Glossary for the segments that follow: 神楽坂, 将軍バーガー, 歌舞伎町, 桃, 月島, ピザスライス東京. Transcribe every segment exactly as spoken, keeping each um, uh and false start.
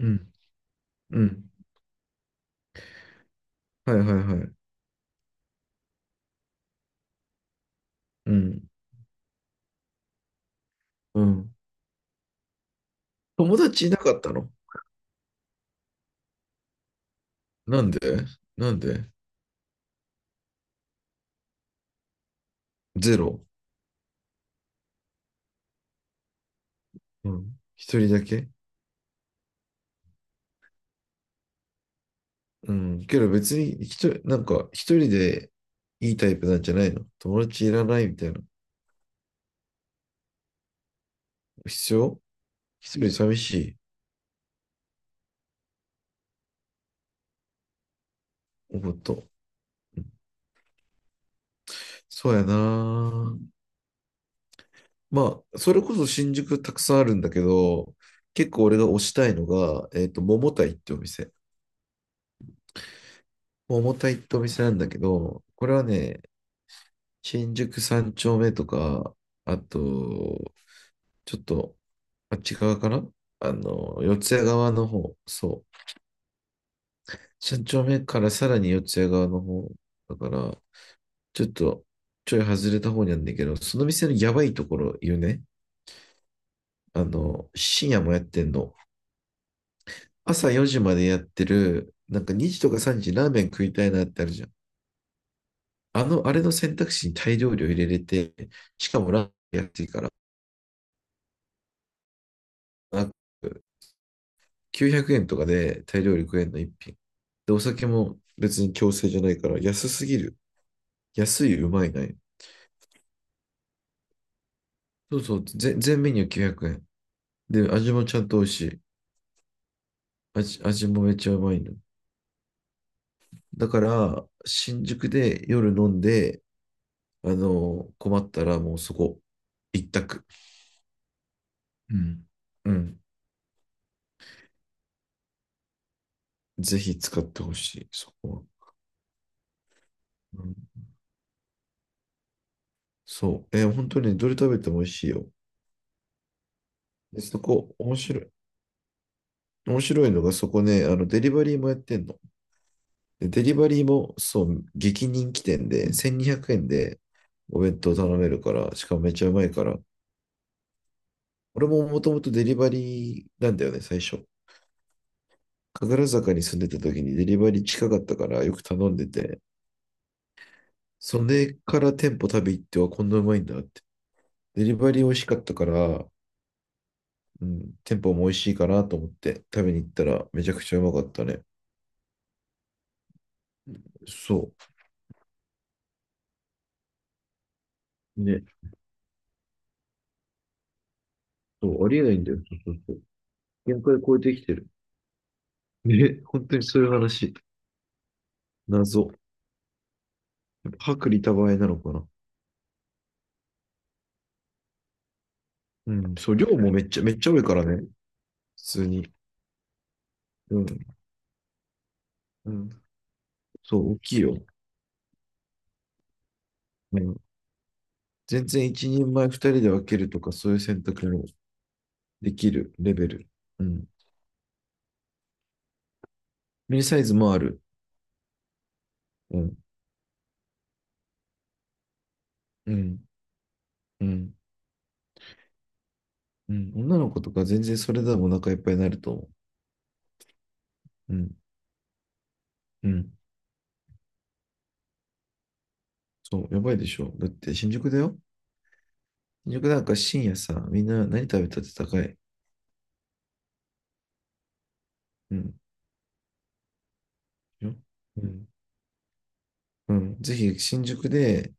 うん。うん。はいはいはい。うん。うん。友達いなかったの？なんで？なんで？ゼロ？うん。一人だけ？うん。けど別に一人、なんか一人でいいタイプなんじゃないの？友達いらないみたいな。必要？一人寂しい？おこと。そうやな。まあ、それこそ新宿たくさんあるんだけど、結構俺が推したいのが、えっと、桃いってお店。桃いってお店なんだけど、これはね、新宿三丁目とか、あと、ちょっと、あっち側かな？あの、四ツ谷側の方、そう。三丁目からさらに四ツ谷側の方、だから、ちょっと、ちょい外れた方にあるんだけど、その店のやばいところ言うね。あの、深夜もやってんの。朝よじまでやってる、なんかにじとかさんじラーメン食いたいなってあるじゃん。あの、あれの選択肢に大量量入れれて、しかもラーメン安いから、きゅうひゃくえんとかでタイ料理食えんの一品。で、お酒も別に強制じゃないから、安すぎる。安い、うまいない。そうそう、ぜ全メニューきゅうひゃくえん。で、味もちゃんと美味しい。味、味もめっちゃうまいの。だから、新宿で夜飲んで、あの、困ったらもうそこ、一択。うん。うん。ぜひ使ってほしい、そこは。うん、そう。えー本当にどれ食べても美味しいよ。で、そこ、面白い。面白いのが、そこね、あの、デリバリーもやってんの。でデリバリーも、そう、激人気店で、せんにひゃくえんでお弁当頼めるから、しかもめっちゃうまいから、俺ももともとデリバリーなんだよね、最初。神楽坂に住んでた時にデリバリー近かったからよく頼んでて、それから店舗食べ行ってはこんなうまいんだって。デリバリー美味しかったから、うん、店舗も美味しいかなと思って食べに行ったらめちゃくちゃうまかったね。そう。ね。そう、ありえないんだよ。そうそうそう。限界超えてきてる。ね、本当にそういう話。謎。薄利多売なのかな。うん、そう、量もめっちゃ、めっちゃ多いからね、普通に。うん、うん。そう、大きいよ。うん。全然一人前ふたりで分けるとか、そういう選択もできるレベル。うん。ミニサイズもある。うん、うん、うん、うん。女の子とか全然それでもお腹いっぱいになると思う。うん、うん。そう、やばいでしょ。だって新宿だよ。新宿なんか深夜さ、みんな何食べたって高い。うん。ようん。うん。ぜひ新宿で、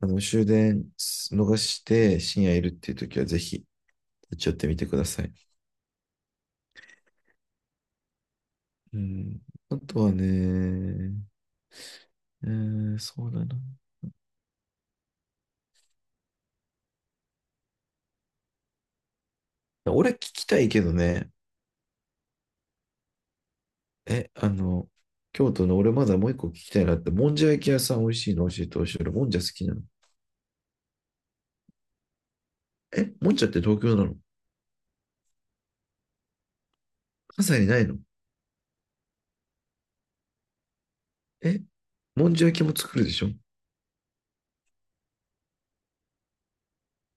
あの、終電逃して深夜いるっていう時はぜひ立ち寄ってみてください。うん。あとはね、えー、そうだな。俺聞きたいけどね、え、あの、京都の俺まだもういっこ聞きたいなって、もんじゃ焼き屋さん美味しいの教えてほしい。俺もんじゃ好きなの。え、もんじゃって東京なの？関西にないの？え、もんじゃ焼きも作るでしょ？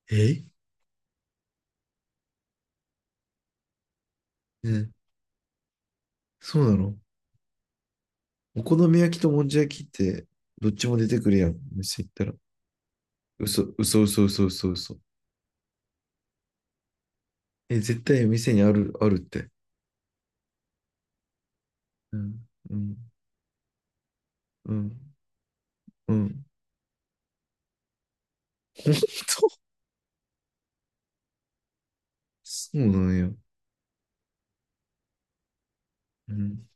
え？ね、そうなの？お好み焼きともんじゃ焼きってどっちも出てくるやん？店行ったら。嘘、嘘、嘘、嘘、嘘、嘘。え、絶対店にある、あるって。うん。うん、うん、うん。そうなんや。うん。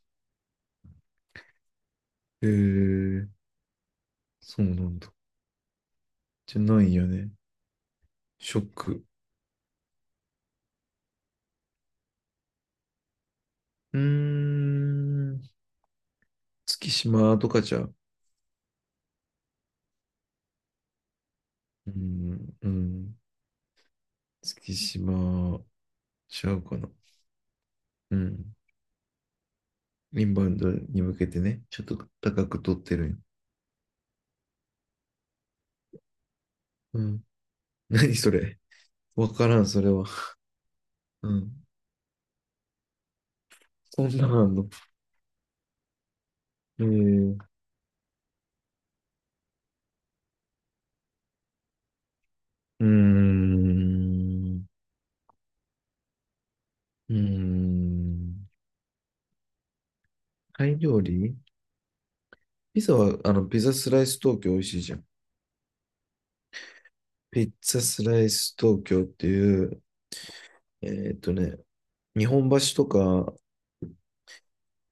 へえー、そうなんだ。じゃないんやね。ショック。うーん。月島とかじゃう？うん、うん。月島ちゃうかな。うん。インバウンドに向けてね、ちょっと高く取ってるんよ。うん。何それ？わからん、それは。うん。そんなんあんの？えー、うーん。うーん。タイ料理？ピザは、あの、ピザスライス東京美味しいじゃん。ピッツァスライス東京っていう、えーっとね、日本橋とか、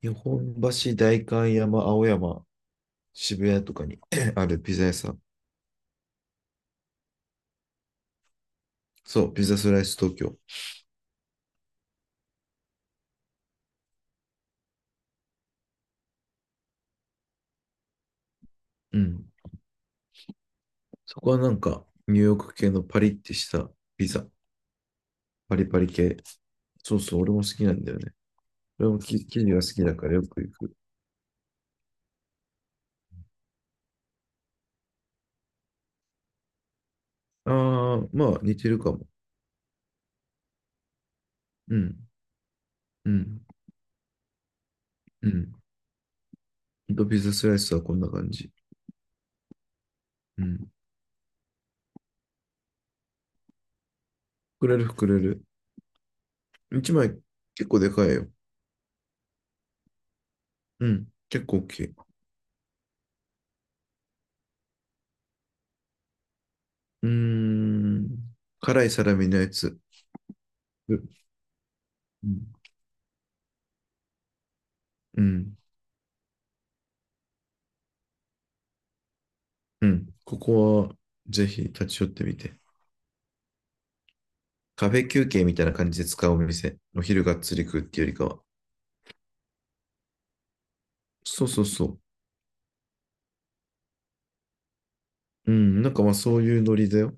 日本橋、代官山、青山、渋谷とかに あるピザ屋さん。そう、ピザスライス東京。うん。そこはなんか、ニューヨーク系のパリってしたピザ。パリパリ系。そうそう、俺も好きなんだよね。俺もき生地が好きだからよく行く。ああ、まあ似てるかも。うん、うん、うん。とピザスライスはこんな感じ。うん。膨れる膨れる。いちまい結構でかいよ。うん。結構大きい。うーん。辛いサラミのやつ。うんうん。うん。ここはぜひ立ち寄ってみて。カフェ休憩みたいな感じで使うお店。お昼がっつり食うっていうよりかは。そうそうそう。うん。なんかまあそういうノリだよ。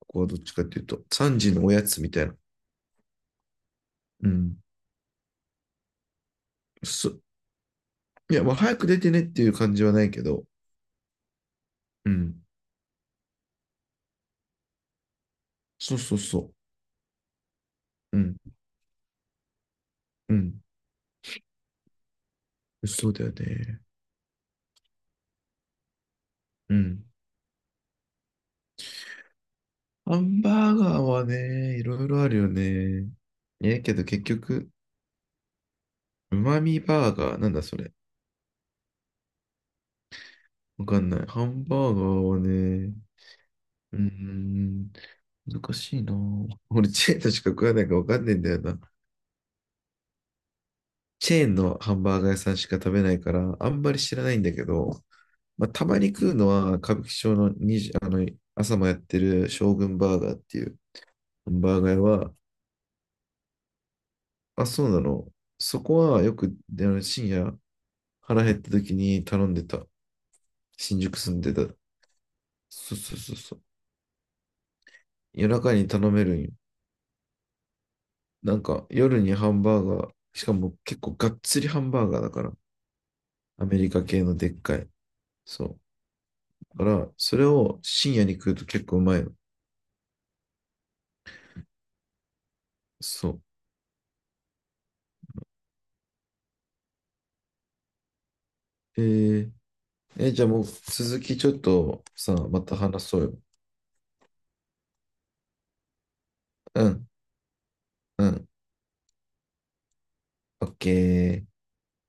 ここはどっちかっていうと。さんじのおやつみたいな。うん。そ、いや、まあ早く出てねっていう感じはないけど。うん。そうそうそう。うん。うん。そうだよね。うん。ハンバーガーはね、いろいろあるよね。ええけど結局、うまみバーガー、なんだそれ？わかんない。ハンバーガーはね、うーん、難しいな。俺、チェーンとしか食わないからわかんないんだよな。チェーンのハンバーガー屋さんしか食べないから、あんまり知らないんだけど、まあ、たまに食うのは、歌舞伎町のにじあの、朝もやってる将軍バーガーっていうハンバーガー屋は、あ、そうなの。そこはよく、あの、深夜腹減った時に頼んでた。新宿住んでた。そうそうそうそう。夜中に頼めるんよ。なんか夜にハンバーガー、しかも結構がっつりハンバーガーだから。アメリカ系のでっかい。そう。だから、それを深夜に食うと結構うまいの。そう。えー、えじゃあもう続きちょっとさ、また話そうよ。うん、うん。オッケー。